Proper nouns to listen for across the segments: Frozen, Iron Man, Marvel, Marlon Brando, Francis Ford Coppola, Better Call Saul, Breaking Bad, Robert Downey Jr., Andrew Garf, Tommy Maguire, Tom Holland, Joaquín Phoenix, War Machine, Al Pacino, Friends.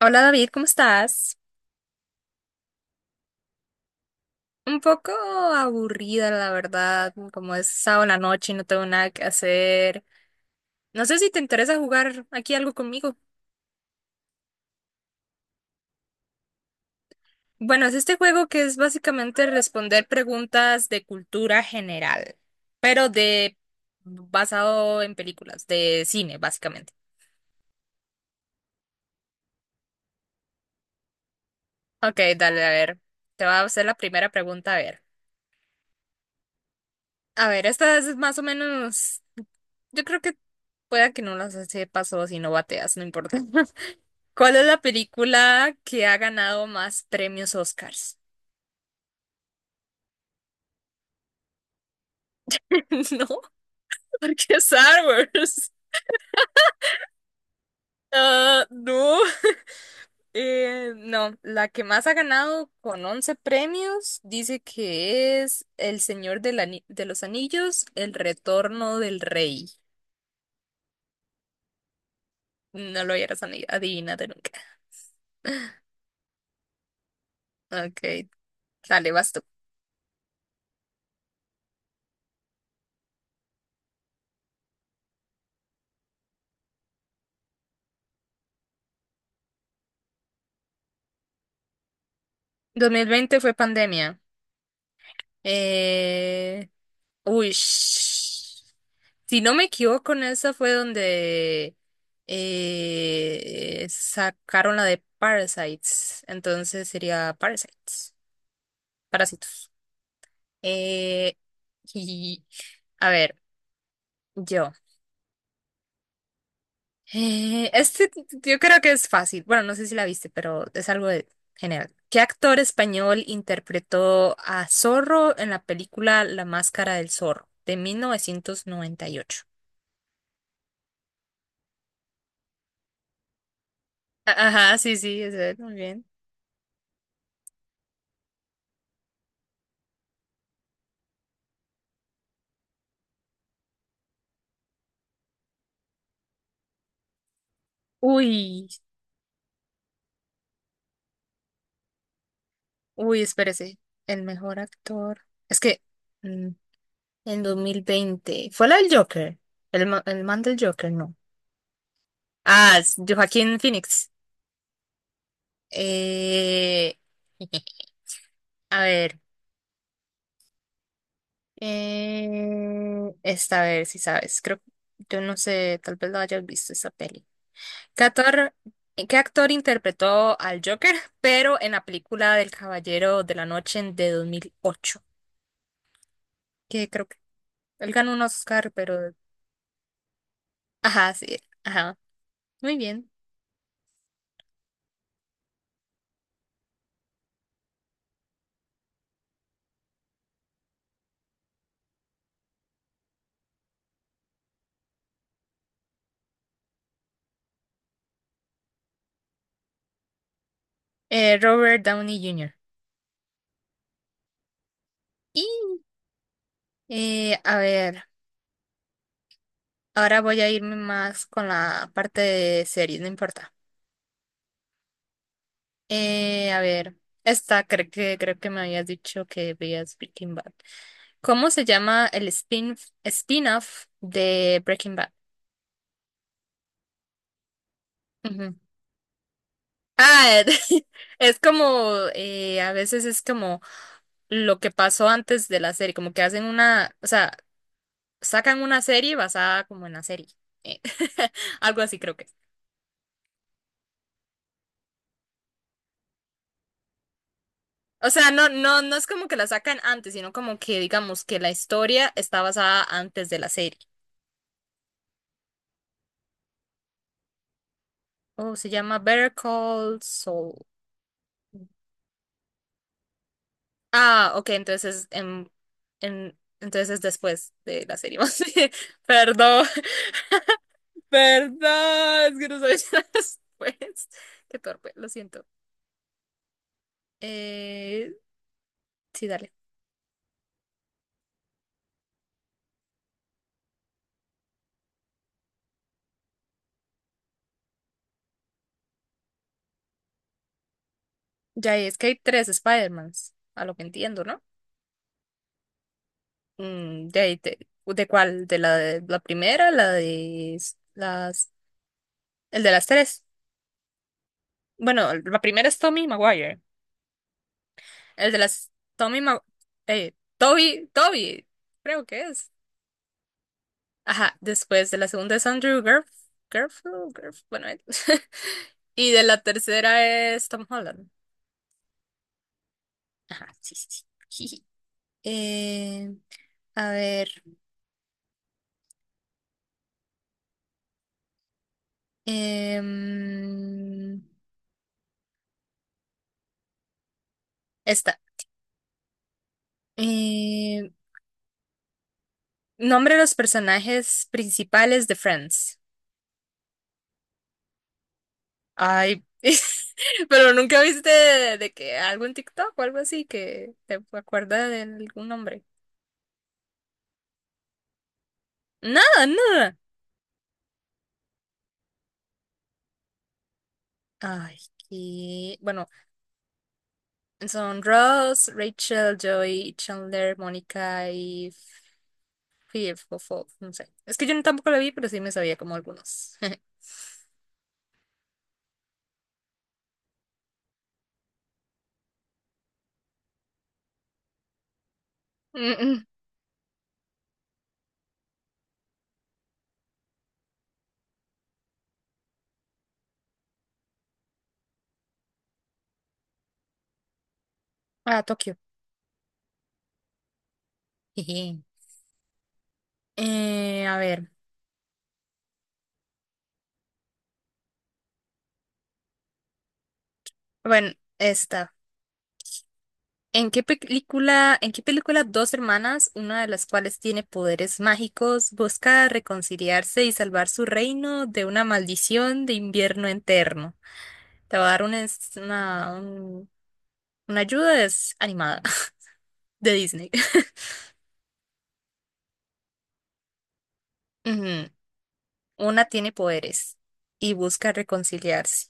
Hola David, ¿cómo estás? Un poco aburrida, la verdad, como es sábado en la noche y no tengo nada que hacer. No sé si te interesa jugar aquí algo conmigo. Bueno, es este juego que es básicamente responder preguntas de cultura general, pero de basado en películas, de cine, básicamente. Ok, dale, a ver. Te voy a hacer la primera pregunta, a ver. A ver, esta es más o menos. Yo creo que pueda que no las sepas o si no bateas, no importa. ¿Cuál es la película que ha ganado más premios Oscars? No, porque Star Wars. Ah, no, no, la que más ha ganado con 11 premios dice que es El Señor de los Anillos, El Retorno del Rey. No lo hubieras adivinado nunca. Ok, dale, vas tú. 2020 fue pandemia. Eh, Uy, si no me equivoco, en esa fue donde sacaron la de Parasites. Entonces sería Parasites, Parásitos. Eh, y a ver, yo. Yo creo que es fácil. Bueno, no sé si la viste, pero es algo de general. ¿Qué actor español interpretó a Zorro en la película La Máscara del Zorro de 1998? Ajá, sí, sí, es él, muy bien. Uy, uy, espérese. El mejor actor. Es que mm, en 2020, ¿fue la del Joker? El man del Joker, no. Ah, es Joaquín Phoenix. Eh, a ver. Esta, a ver si sabes. Creo, yo no sé, tal vez lo hayas visto esa peli. ¿Qué actor, qué actor interpretó al Joker? Pero en la película del Caballero de la Noche de 2008, que creo que él ganó un Oscar, pero. Ajá, sí, ajá. Muy bien. Robert Downey Jr. Y, a ver, ahora voy a irme más con la parte de series, no importa. A ver, esta creo que me habías dicho que veías Breaking Bad. ¿Cómo se llama el spin-off de Breaking Bad? Ujú. Ah, es como, a veces es como lo que pasó antes de la serie, como que hacen una, o sea, sacan una serie basada como en la serie. eh, Algo así creo que es. O sea, no, no, no es como que la sacan antes, sino como que digamos que la historia está basada antes de la serie. Oh, se llama Better Call Saul. Ah, ok, entonces es después de la serie. Más bien. Perdón, perdón, es que no soy después. Qué torpe, lo siento. Eh, sí, dale. Ya es que hay tres Spider-Mans, a lo que entiendo, ¿no? ¿De cuál? ¿De la primera? ¿La de s- las? El de las tres. Bueno, la primera es Tommy Maguire. El de las... Tommy Ma... Toby, Toby, creo que es. Ajá, después de la segunda es Andrew Garfield, bueno, él. Y de la tercera es Tom Holland. Ajá, sí, sí, sí. Jiji. Eh, a ver, em, esta. eh, Nombre los personajes principales de Friends. Ay, pero nunca viste de que algún TikTok o algo así que te acuerda de algún nombre. Nada, nada. Ay, y bueno, son Ross, Rachel, Joey, Chandler, Mónica y Phoebe, no sé. Es que yo no- tampoco la vi, pero sí me sabía como algunos. Mm, mm. Ah, Tokio. Jeje. A ver, bueno, esta. ¿En qué película, dos hermanas, una de las cuales tiene poderes mágicos, busca reconciliarse y salvar su reino de una maldición de invierno eterno? Te voy a dar una ayuda, es animada, de Disney. Ujú. Una tiene poderes y busca reconciliarse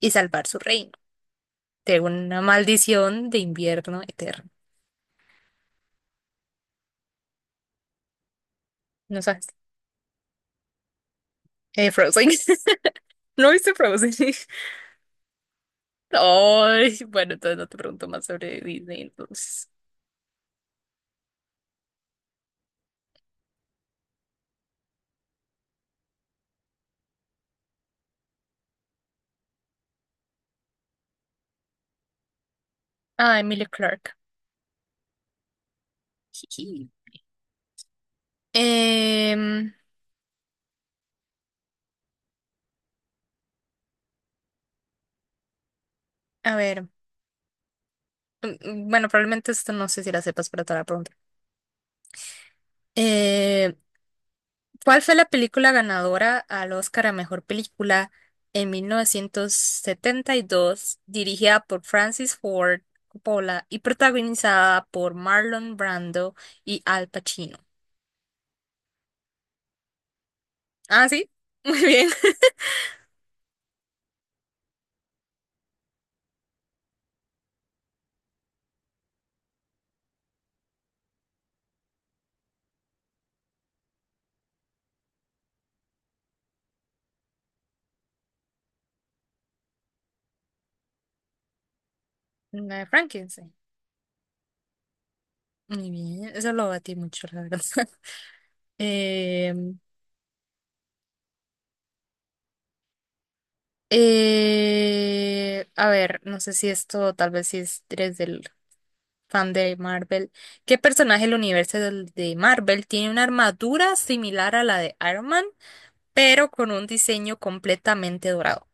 y salvar su reino de una maldición de invierno eterno. No sabes. Frozen. ¿No viste Frozen? Ay, bueno, entonces no te pregunto más sobre Disney, entonces. Ah, Emilia Clarke. Jiji. Em, a ver, bueno, probablemente esto no sé si la sepas, pero te la pregunto. Eh, ¿Cuál fue la película ganadora al Oscar a Mejor Película en 1972, dirigida por Francis Ford Coppola y protagonizada por Marlon Brando y Al Pacino? Ah, sí, muy bien. La de Frankenstein. Muy bien, eso lo batí mucho, la verdad. Eh, a ver, no sé si esto tal vez si es, eres del fan de Marvel. ¿Qué personaje del universo de Marvel tiene una armadura similar a la de Iron Man, pero con un diseño completamente dorado?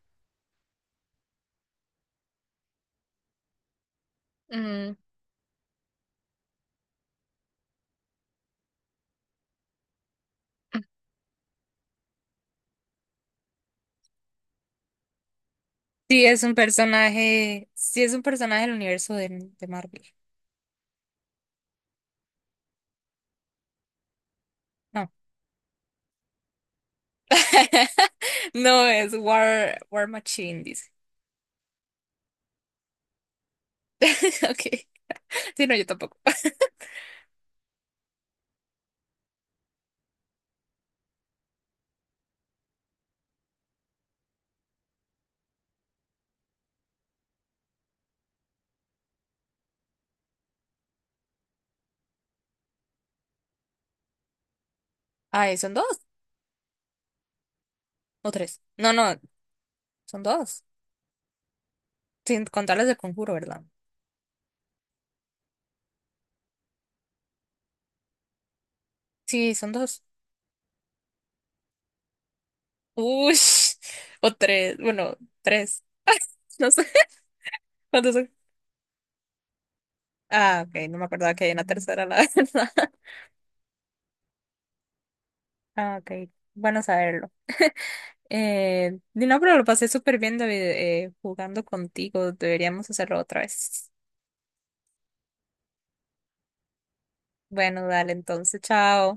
Mm, sí, es un personaje del universo de Marvel. No. No, es War Machine, dice. Ok. Sí, no, yo tampoco. Ah, son dos. O tres. No, no, son dos. Sin contar las del conjuro, ¿verdad? Sí, son dos. Uy, o tres. Bueno, tres. No sé cuántos son. Ah, ok, no me acordaba que hay una tercera, la verdad. Ah, ok, bueno saberlo. No, pero lo pasé súper bien, David, jugando contigo. Deberíamos hacerlo otra vez. Bueno, dale, entonces, chao.